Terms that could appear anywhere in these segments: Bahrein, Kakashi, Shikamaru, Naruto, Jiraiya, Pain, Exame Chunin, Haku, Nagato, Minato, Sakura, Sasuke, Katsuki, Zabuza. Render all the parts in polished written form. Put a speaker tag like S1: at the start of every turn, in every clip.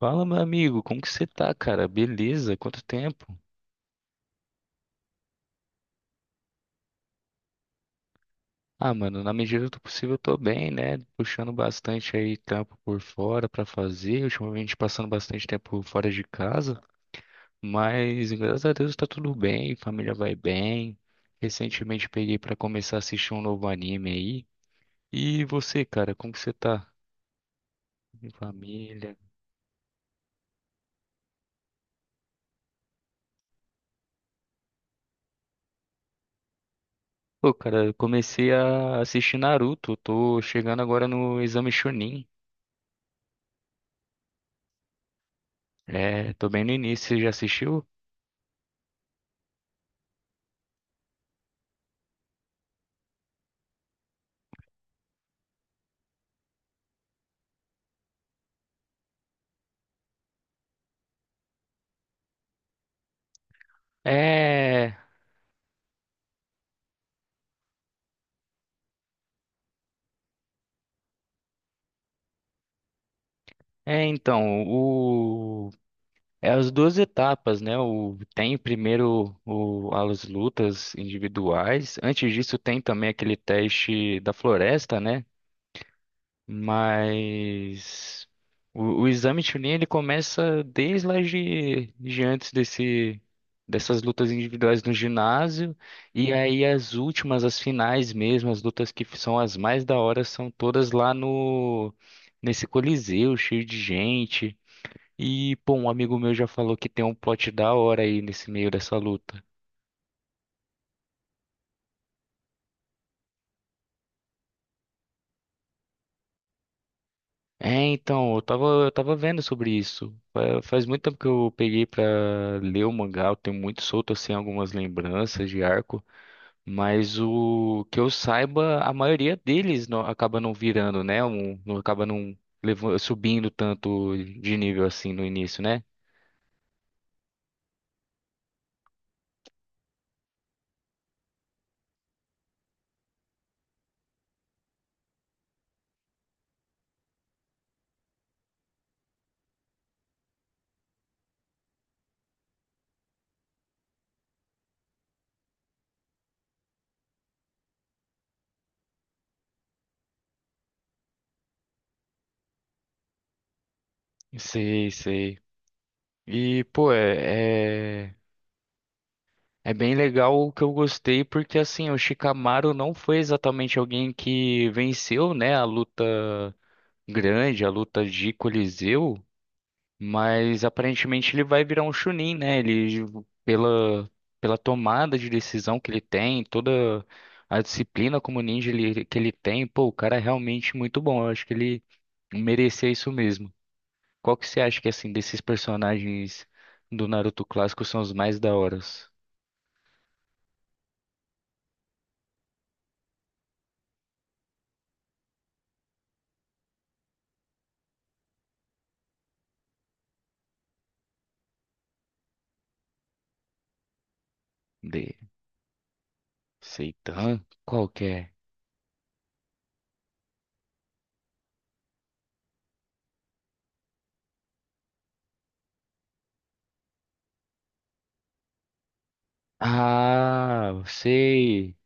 S1: Fala, meu amigo, como que você tá, cara? Beleza? Quanto tempo? Ah, mano, na medida do possível eu tô bem, né? Puxando bastante aí trampo por fora pra fazer, ultimamente passando bastante tempo fora de casa, mas graças a Deus tá tudo bem, família vai bem. Recentemente peguei pra começar a assistir um novo anime aí. E você, cara, como que você tá? Em família. Pô, cara, eu comecei a assistir Naruto, tô chegando agora no Exame Chunin. É, tô bem no início, você já assistiu? É, é então, é as duas etapas, né? Tem primeiro as lutas individuais. Antes disso, tem também aquele teste da floresta, né? Mas o exame Chunin ele começa desde lá de antes dessas lutas individuais no ginásio, e aí as últimas, as finais mesmo, as lutas que são as mais da hora, são todas lá no nesse Coliseu, cheio de gente. E, pô, um amigo meu já falou que tem um plot da hora aí nesse meio dessa luta. É, então, eu tava vendo sobre isso. Faz muito tempo que eu peguei pra ler o mangá, eu tenho muito solto assim algumas lembranças de arco, mas o que eu saiba, a maioria deles não, acaba não virando, né? Não acaba não subindo tanto de nível assim no início, né? Sei, sei. E, pô, é bem legal o que eu gostei, porque assim, o Shikamaru não foi exatamente alguém que venceu, né, a luta grande, a luta de Coliseu, mas aparentemente ele vai virar um Chunin, né? Ele, pela, pela tomada de decisão que ele tem, toda a disciplina como ninja que ele tem, pô, o cara é realmente muito bom. Eu acho que ele merecia isso mesmo. Qual que você acha que, assim, desses personagens do Naruto clássico são os mais da horas? De Seitan? Qual que é? Ah, sei.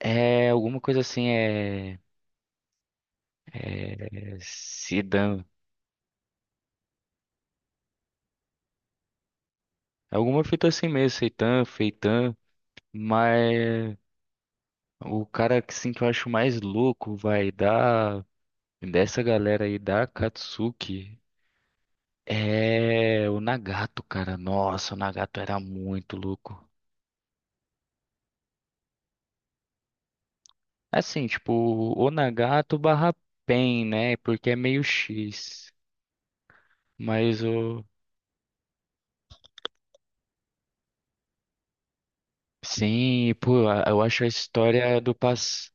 S1: É alguma coisa assim, é. É, Sidan. Alguma fita assim mesmo, Seitan, Feitan, mas o cara que sim que eu acho mais louco vai dar dessa galera aí da Katsuki é o Nagato, cara. Nossa, o Nagato era muito louco. Assim, tipo, o Nagato barra Pen, né? Porque é meio X. Mas o. Sim, pô, eu acho a história do passado.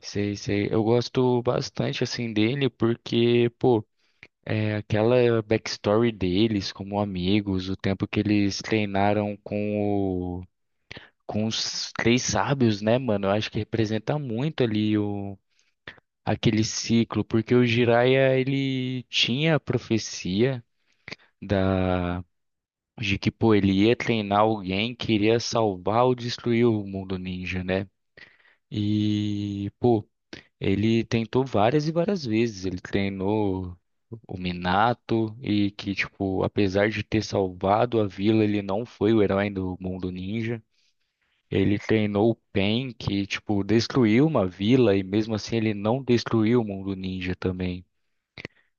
S1: Sei, sei. Eu gosto bastante, assim, dele porque, pô, é aquela backstory deles como amigos, o tempo que eles treinaram com os três sábios, né, mano? Eu acho que representa muito ali aquele ciclo, porque o Jiraiya, ele tinha a profecia da, de que, pô, ele ia treinar alguém que iria salvar ou destruir o mundo ninja, né? E, pô, ele tentou várias e várias vezes. Ele treinou o Minato e que, tipo, apesar de ter salvado a vila, ele não foi o herói do mundo ninja. Ele treinou o Pain, que, tipo, destruiu uma vila e mesmo assim ele não destruiu o mundo ninja também.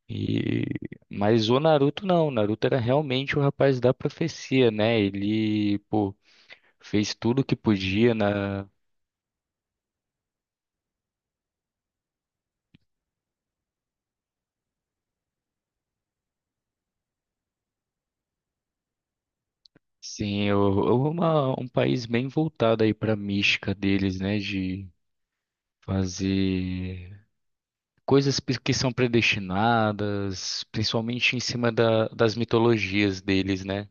S1: E... Mas o Naruto não. O Naruto era realmente o rapaz da profecia, né? Ele, pô, fez tudo que podia na Sim, um país bem voltado aí para a mística deles, né? De fazer coisas que são predestinadas, principalmente em cima das mitologias deles, né?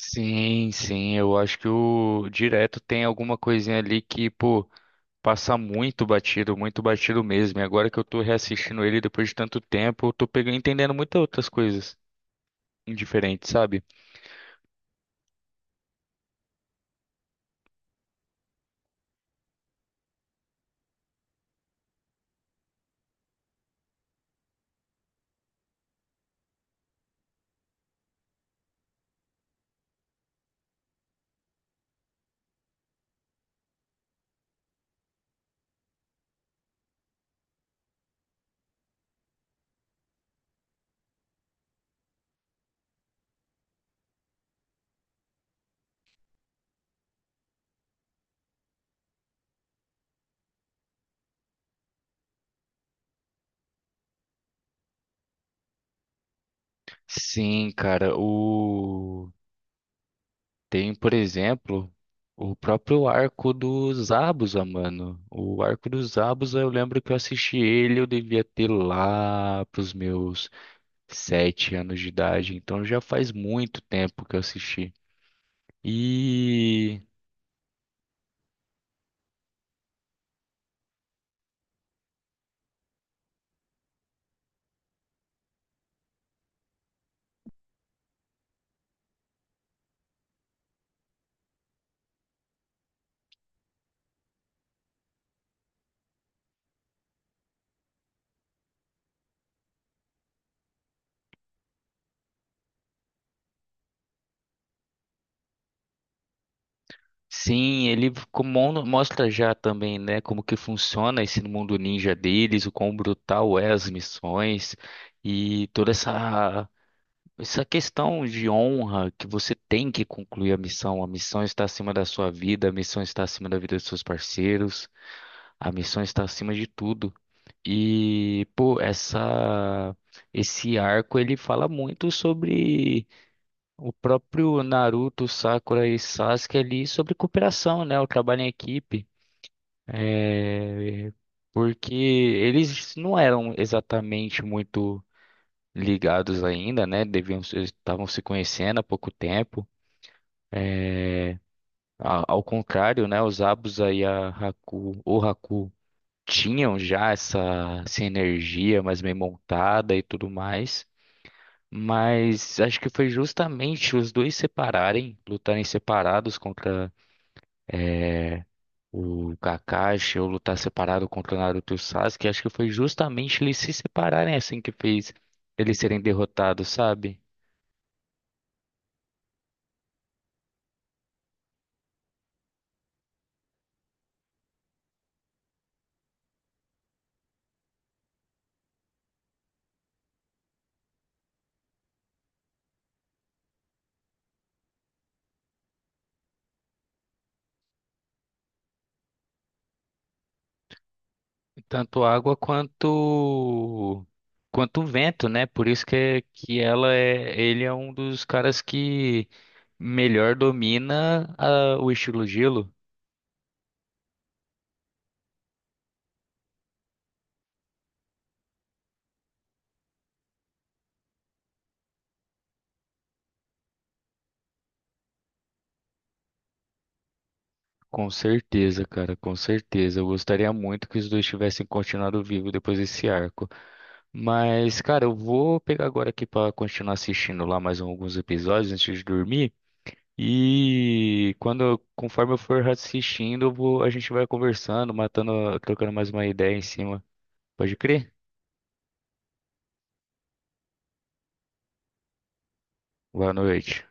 S1: Sim, sim, eu acho que o direto tem alguma coisinha ali que, pô, passa muito batido mesmo. E agora que eu tô reassistindo ele depois de tanto tempo, eu tô pegando, entendendo muitas outras coisas diferentes, sabe? Sim, cara, o. Tem, por exemplo, o próprio arco do Zabuza, mano. O arco do Zabuza, eu lembro que eu assisti ele, eu devia ter lá pros meus 7 anos de idade. Então já faz muito tempo que eu assisti. E sim, ele mostra já também, né, como que funciona esse mundo ninja deles, o quão brutal é as missões e toda essa questão de honra que você tem que concluir a missão está acima da sua vida, a missão está acima da vida dos seus parceiros, a missão está acima de tudo. E, pô, essa esse arco ele fala muito sobre o próprio Naruto, Sakura e Sasuke ali sobre cooperação, né? O trabalho em equipe. É, porque eles não eram exatamente muito ligados ainda, né? Deviam, estavam se conhecendo há pouco tempo. É, ao contrário, né? Os Abusa e o Haku tinham já essa energia mais bem montada e tudo mais. Mas acho que foi justamente os dois separarem, lutarem separados contra é, o Kakashi ou lutar separado contra o Naruto e o Sasuke. Acho que foi justamente eles se separarem assim que fez eles serem derrotados, sabe? Tanto água quanto vento, né? Por isso que, que ele é um dos caras que melhor domina o estilo gelo. Com certeza, cara, com certeza. Eu gostaria muito que os dois tivessem continuado vivo depois desse arco. Mas, cara, eu vou pegar agora aqui pra continuar assistindo lá mais alguns episódios antes de dormir. Conforme eu for assistindo, eu a gente vai conversando, matando, trocando mais uma ideia em cima. Pode crer? Boa noite.